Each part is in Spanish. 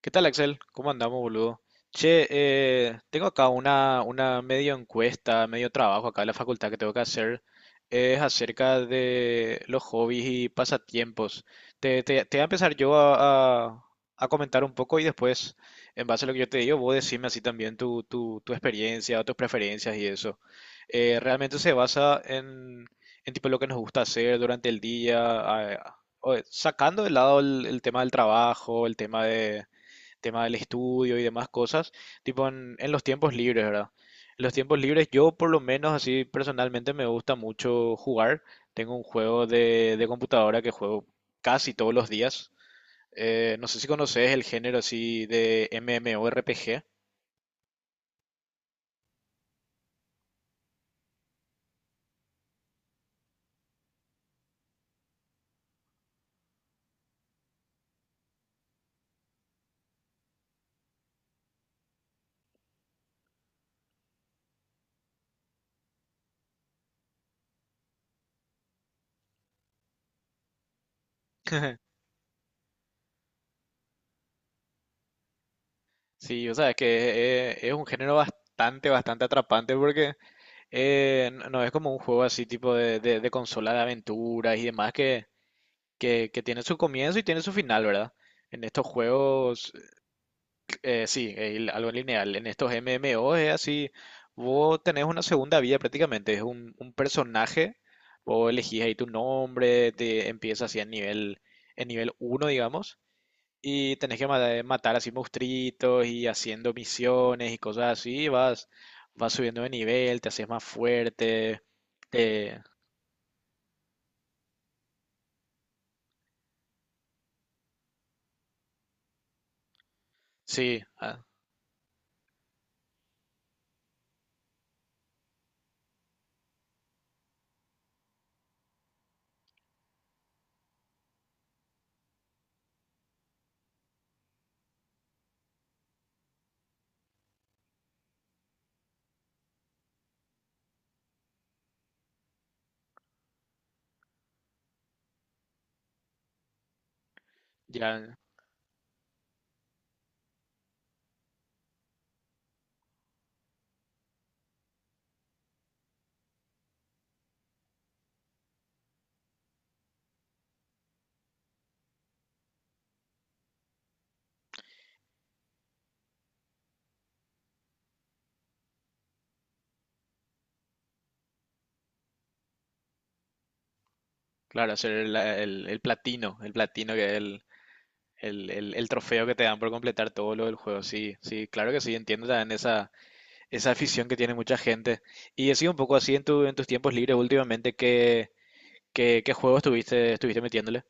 ¿Qué tal, Axel? ¿Cómo andamos, boludo? Che, tengo acá una medio encuesta, medio trabajo acá en la facultad que tengo que hacer. Es acerca de los hobbies y pasatiempos. Te voy a empezar yo a comentar un poco y después, en base a lo que yo te digo, vos decime así también tu experiencia, tus preferencias y eso. Realmente se basa en tipo lo que nos gusta hacer durante el día, sacando de lado el tema del trabajo, el tema de tema del estudio y demás cosas, tipo en los tiempos libres, ¿verdad? En los tiempos libres yo por lo menos así personalmente me gusta mucho jugar. Tengo un juego de computadora que juego casi todos los días. No sé si conoces el género así de MMORPG. Sí, o sea, es un género bastante atrapante porque no es como un juego así tipo de consola de aventuras y demás que tiene su comienzo y tiene su final, ¿verdad? En estos juegos, sí, algo lineal. En estos MMO es así, vos tenés una segunda vida prácticamente, es un personaje, vos elegís ahí tu nombre, te empiezas así en nivel uno, digamos, y tenés que matar así monstruitos y haciendo misiones y cosas así, vas subiendo de nivel, te haces más fuerte, te- sí, ah, ya, claro, hacer el platino que es el trofeo que te dan por completar todo lo del juego. Sí, sí, claro que sí, entiendo también esa afición que tiene mucha gente. Y he sido un poco así en en tus tiempos libres últimamente, ¿qué juego estuviste, estuviste metiéndole?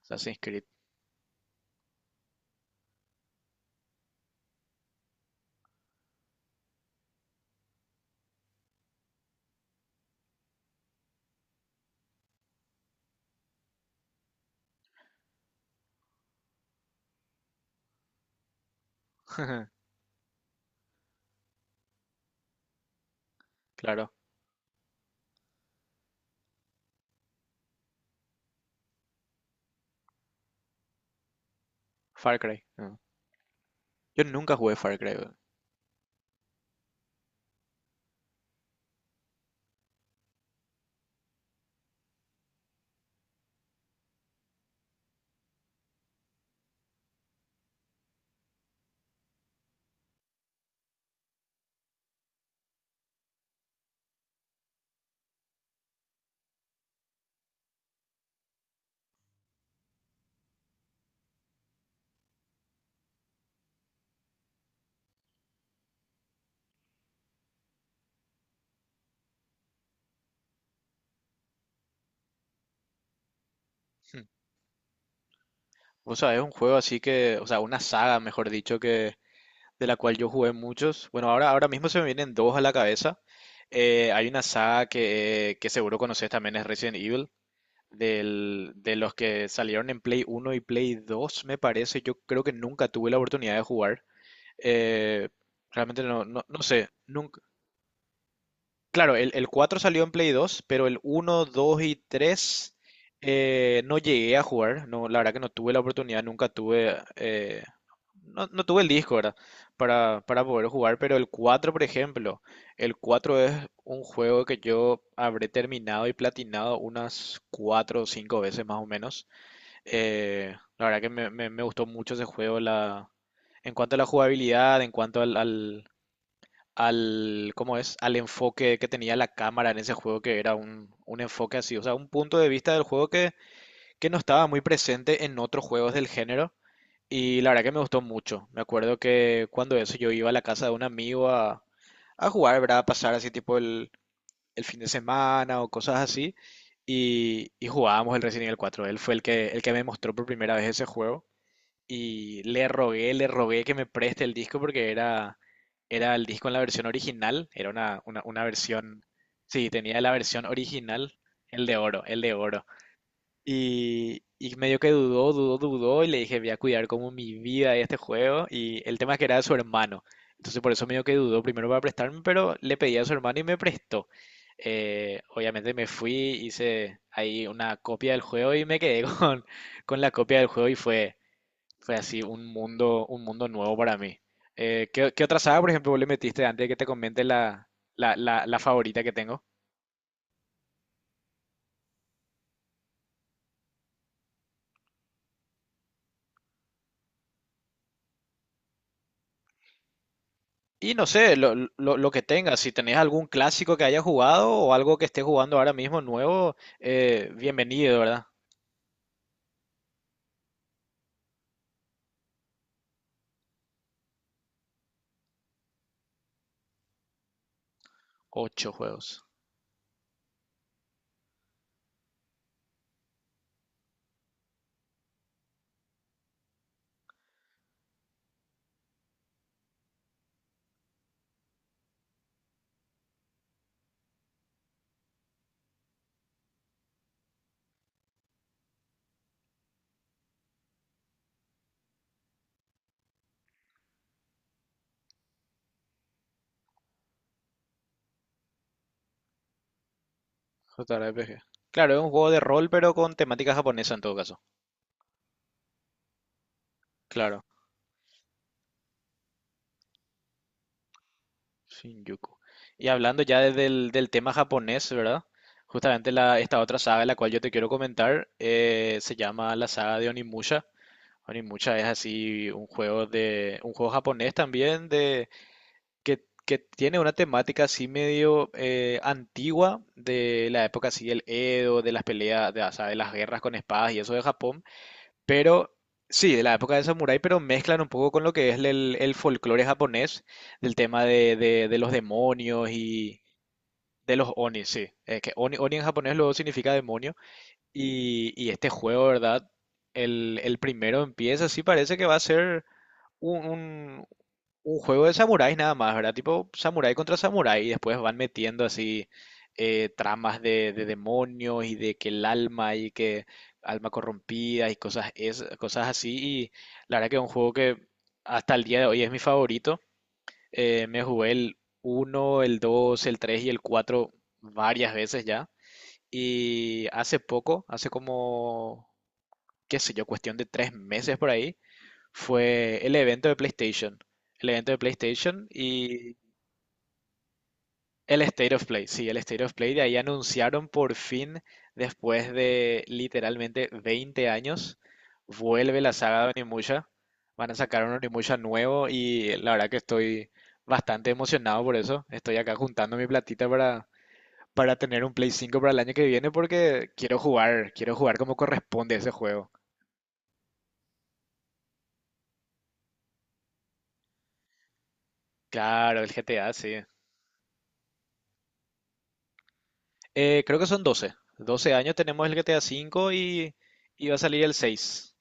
Assassin's Creed, claro, Far Cry. Ah. Yo nunca jugué Far Cry, weón. Hmm. Vos sabés, un juego así que, o sea, una saga, mejor dicho, que, de la cual yo jugué muchos. Bueno, ahora mismo se me vienen dos a la cabeza. Hay una saga que seguro conoces también, es Resident Evil, del- de los que salieron en Play 1 y Play 2, me parece. Yo creo que nunca tuve la oportunidad de jugar. Eh, realmente no, no, no sé, nun- Claro, el 4 salió en Play 2, pero el uno, 2 y 3 no llegué a jugar. No, la verdad que no tuve la oportunidad, nunca tuve, no tuve el disco, ¿verdad? Para poder jugar, pero el 4, por ejemplo, el 4 es un juego que yo habré terminado y platinado unas 4 o 5 veces más o menos. La verdad que me- Me gustó mucho ese juego en cuanto a la jugabilidad, en cuanto al, ¿cómo es? Al enfoque que tenía la cámara en ese juego, que era un enfoque así, o sea, un punto de vista del juego que no estaba muy presente en otros juegos del género. Y la verdad que me gustó mucho. Me acuerdo que cuando eso yo iba a la casa de un amigo a jugar, ¿verdad? A pasar así tipo el fin de semana o cosas así. Y jugábamos el Resident Evil 4. Él fue el que me mostró por primera vez ese juego. Y le rogué que me preste el disco porque era, era el disco en la versión original, era una versión, sí, tenía la versión original, el de oro, el de oro. Y medio que dudó, dudó, dudó y le dije, voy a cuidar como mi vida de este juego. Y el tema es que era de su hermano. Entonces por eso medio que dudó primero para prestarme, pero le pedí a su hermano y me prestó. Obviamente me fui, hice ahí una copia del juego y me quedé con, con la copia del juego fue así un mundo nuevo para mí. ¿Qué otra saga, por ejemplo, vos le metiste antes de que te comente la favorita que tengo? Y no sé, lo que tengas, si tenés algún clásico que hayas jugado o algo que estés jugando ahora mismo nuevo, bienvenido, ¿verdad? Ocho juegos. JRPG. Claro, es un juego de rol, pero con temática japonesa en todo caso. Claro. Shinjuku. Y hablando ya del, del tema japonés, ¿verdad? Justamente esta otra saga, de la cual yo te quiero comentar, se llama la saga de Onimusha. Onimusha es así un juego japonés también de que tiene una temática así medio antigua de la época así del Edo, de las peleas, de, o sea, de las guerras con espadas y eso de Japón. Pero sí, de la época de samurái, pero mezclan un poco con lo que es el folclore japonés, del tema de los demonios y de los oni, sí. Oni en japonés luego significa demonio. Y este juego, ¿verdad? El primero empieza, sí parece que va a ser un, un- un juego de samuráis nada más, ¿verdad? Tipo samurái contra samurái y después van metiendo así tramas de demonios y de que el alma y que alma corrompida y cosas, es, cosas así. Y la verdad que es un juego que hasta el día de hoy es mi favorito. Me jugué el uno, el dos, el 3 y el 4 varias veces ya. Y hace poco, hace como, qué sé yo, cuestión de tres meses por ahí, fue el evento de PlayStation. El evento de PlayStation y el State of Play. Sí, el State of Play. De ahí anunciaron por fin, después de literalmente 20 años, vuelve la saga de Onimusha. Van a sacar un Onimusha nuevo y la verdad que estoy bastante emocionado por eso. Estoy acá juntando mi platita para tener un Play 5 para el año que viene porque quiero jugar como corresponde ese juego. Claro, el GTA, sí. Creo que son 12 años tenemos el GTA 5 y va a salir el seis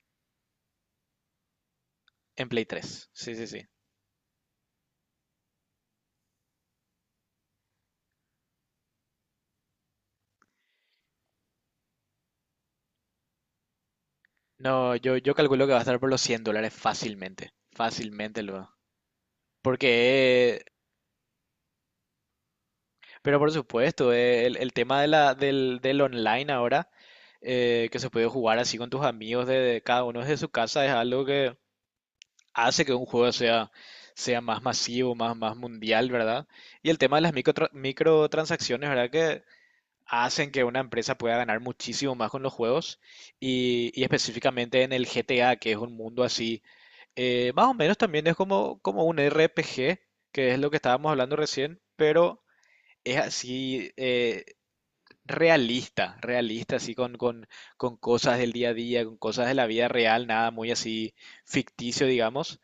en Play 3. Sí, sí, sí. No, yo calculo que va a estar por los $100 fácilmente. Fácilmente lo va. Porque, por supuesto, el tema del online ahora, que se puede jugar así con tus amigos de cada uno desde su casa, es algo que hace que un juego sea más masivo, más mundial, ¿verdad? Y el tema de las microtransacciones, ¿verdad? Que hacen que una empresa pueda ganar muchísimo más con los juegos y específicamente en el GTA, que es un mundo así, más o menos también es como, como un RPG, que es lo que estábamos hablando recién, pero es así, realista, realista, con cosas del día a día, con cosas de la vida real, nada muy así ficticio, digamos.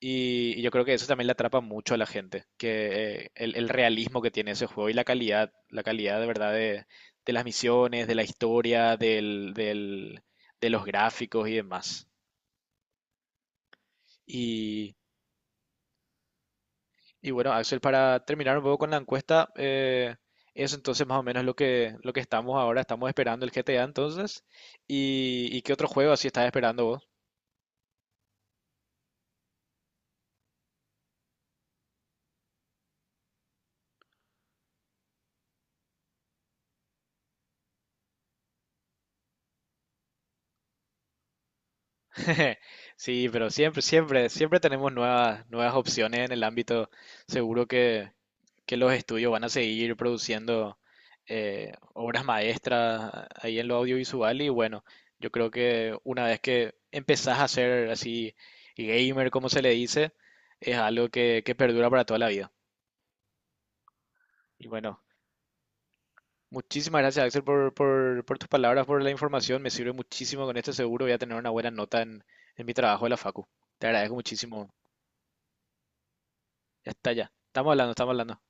Y yo creo que eso también le atrapa mucho a la gente, que el realismo que tiene ese juego y la calidad de verdad de las misiones, de la historia, de los gráficos y demás. Y bueno, Axel, para terminar un poco con la encuesta, eso entonces más o menos lo que estamos ahora, estamos esperando el GTA entonces. Y qué otro juego así estás esperando vos? Sí, pero siempre tenemos nuevas opciones en el ámbito. Seguro que los estudios van a seguir produciendo obras maestras ahí en lo audiovisual y bueno, yo creo que una vez que empezás a ser así gamer, como se le dice, es algo que perdura para toda la vida. Y bueno, muchísimas gracias Axel por, por tus palabras, por la información, me sirve muchísimo con esto, seguro voy a tener una buena nota en mi trabajo de la Facu. Te agradezco muchísimo. Ya está, ya. Estamos hablando, estamos hablando.